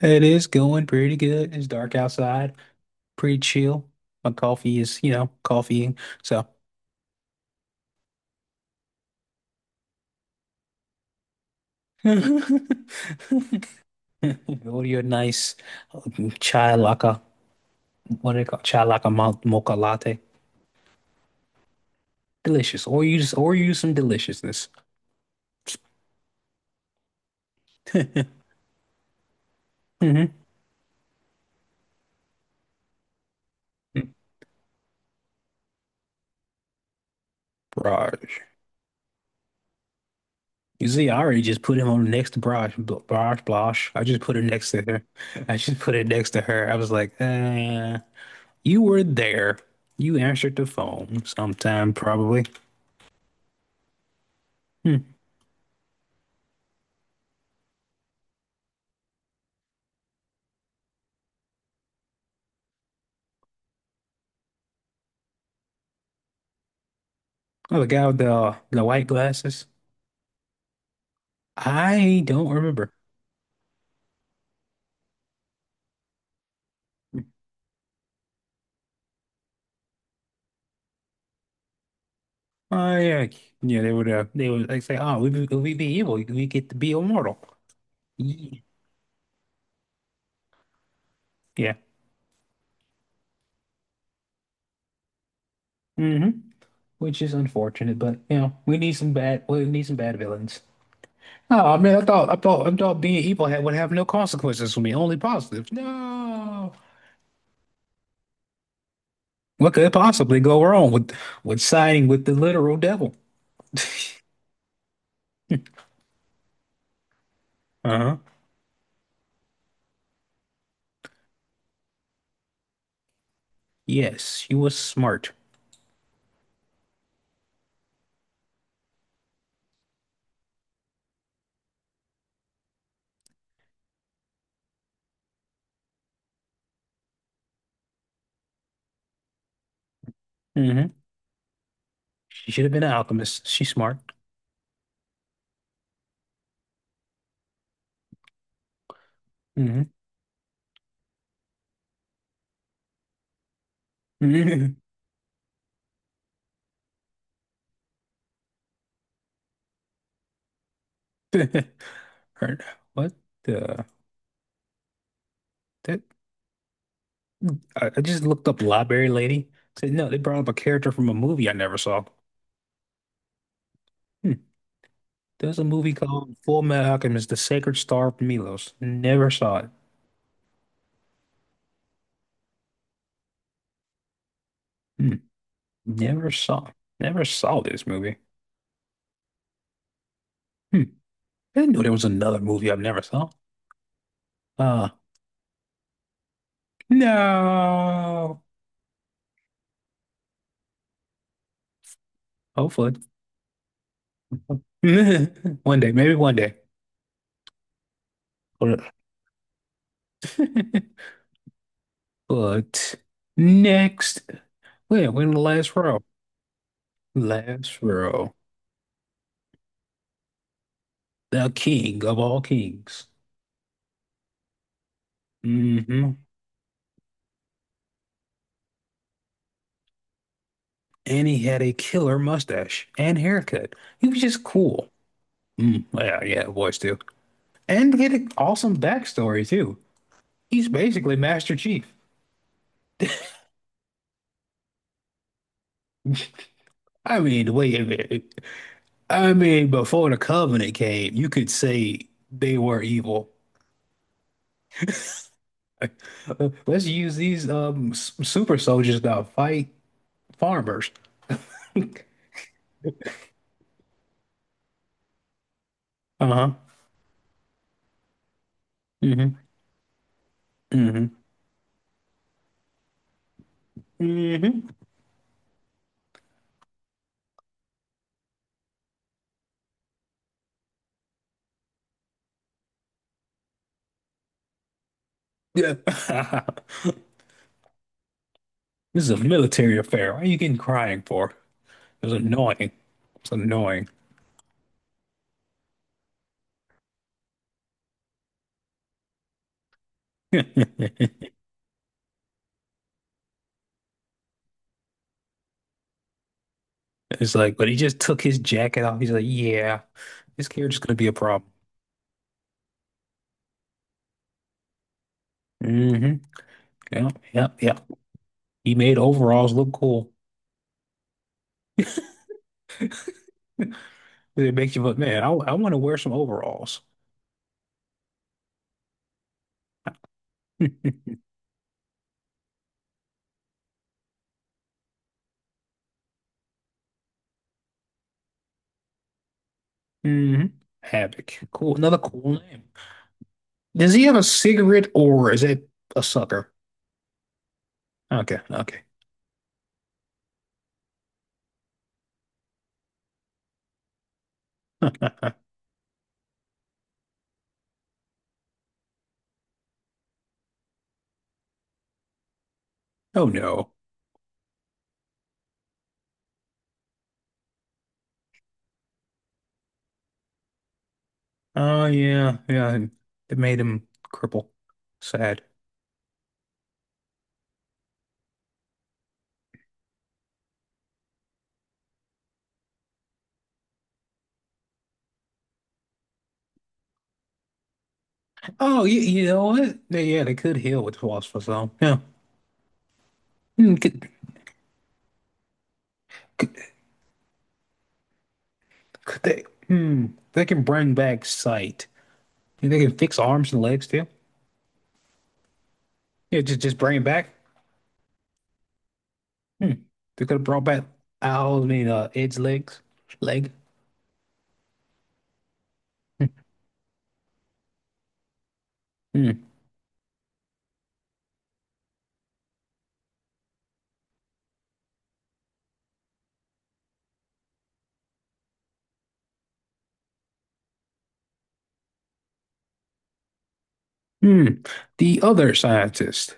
Hey, it is going pretty good. It's dark outside, pretty chill. My coffee is, you know, coffeeing. So, order your nice chai laka. What do they call chai laka mocha latte? Delicious. Or you just or use some deliciousness. Hmm. Braj. You see, I already just put him on next to Braj. Braj, Blosh. I just put it next to her. I just put it next to her. I was like, you were there. You answered the phone sometime, probably. Hmm. Oh, the guy with the white glasses. I don't remember. Oh yeah, yeah. They would like say, "Oh, we we be evil. We get to be immortal." Ye- Yeah. Mm-hmm. Which is unfortunate, but we need some bad. We need some bad villains. Oh, I mean, I thought I thought being evil had, would have no consequences for me, only positives. No. What could possibly go wrong with siding with the literal devil? Uh-huh. Yes, you was smart. Mm-hmm. She should have been an alchemist. She's smart. Hmm. Hmm. Her, what the that I just looked up Library Lady. Said no, they brought up a character from a movie I never saw. Hmm. There's a movie called Full Metal Alchemist: The Sacred Star of Milos. Never saw it. Hmm. Never saw. Never saw this movie. Hmm. I didn't know there was another movie I've never saw. Uh no. Hopefully. One day, maybe one day. Hold up. But next, wait, we're in the last row. Last row. The king of all kings. Hmm. And he had a killer mustache and haircut. He was just cool. Mm, yeah, yeah, voice too. And he had an awesome backstory too. He's basically Master Chief. I mean, the way it, I mean, before the Covenant came, you could say they were evil. Let's use these super soldiers to fight farmers. Uh-huh. Mm-hmm. Mm-hmm. Mm-hmm. Yeah. This is a military affair. Why are you getting crying for? It was annoying. It's annoying. It's like, but he just took his jacket off. He's like, yeah, this carriage is gonna be a problem. Mm-hmm. Yeah, yeah, yeah. He made overalls look cool. It makes you, but man, I want to wear some overalls. Hmm. Havoc. Cool. Another cool name. Does he have a cigarette or is it a sucker? Okay, okay. Oh no. Oh yeah, yeah. And it made him cripple. Sad. Oh, you know what? They, yeah, they could heal with philosopher's stone. Yeah. Hmm, could, could they? Hmm. They can bring back sight. You think they can fix arms and legs too. Yeah, just bring it back. Hmm. They could have brought back Al, I mean, Ed's legs, leg. Hmm. Hmm. The other scientist.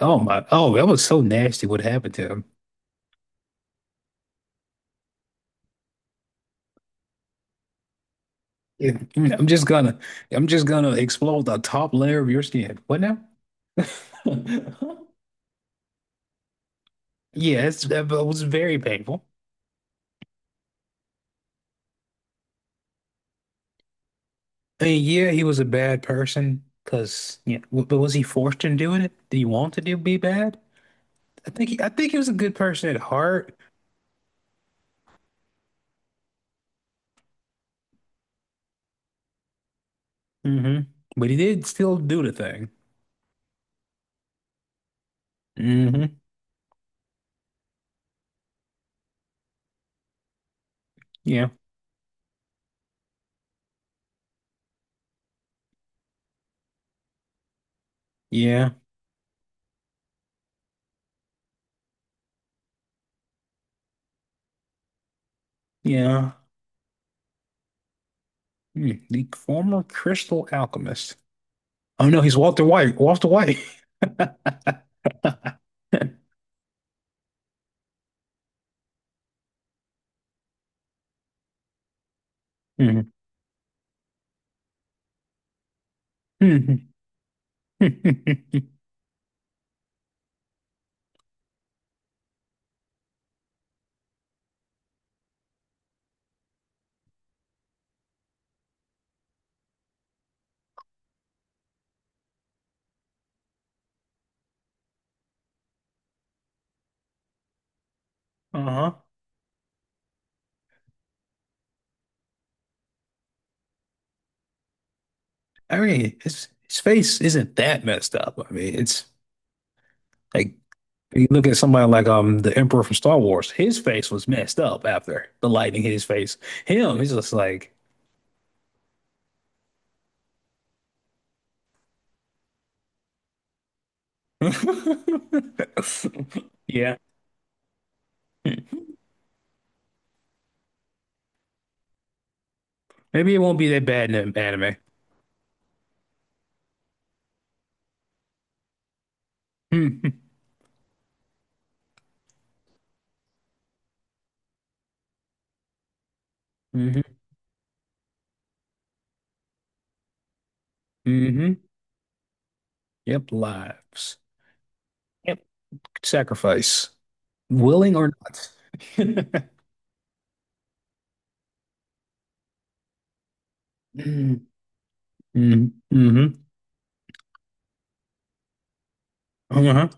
Oh my. Oh, that was so nasty. What happened to him? Yeah, I'm just gonna, I'm just gonna explode the top layer of your skin. What now? Yeah, it's, that was very painful. I mean, yeah, he was a bad person, cause yeah, but was he forced into doing it? Did he want to do be bad? I think he was a good person at heart. Hmm. But he did still do the thing. Hmm. Yeah, yeah, yeah. Hmm, the former crystal alchemist. Oh no, he's Walter White. Walter White. Mhm. Uh-huh. I mean, his face isn't that messed up. I mean, it's like you look at somebody like the Emperor from Star Wars. His face was messed up after the lightning hit his face. Him, he's just like, yeah. Maybe it won't be that bad in the anime. Mm-hmm. Hmm. Yep, lives. Yep, sacrifice, willing or not. Mm-hmm. Mm-hmm. Uh-huh.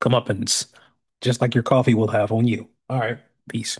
Comeuppance, just like your coffee will have on you. All right, peace.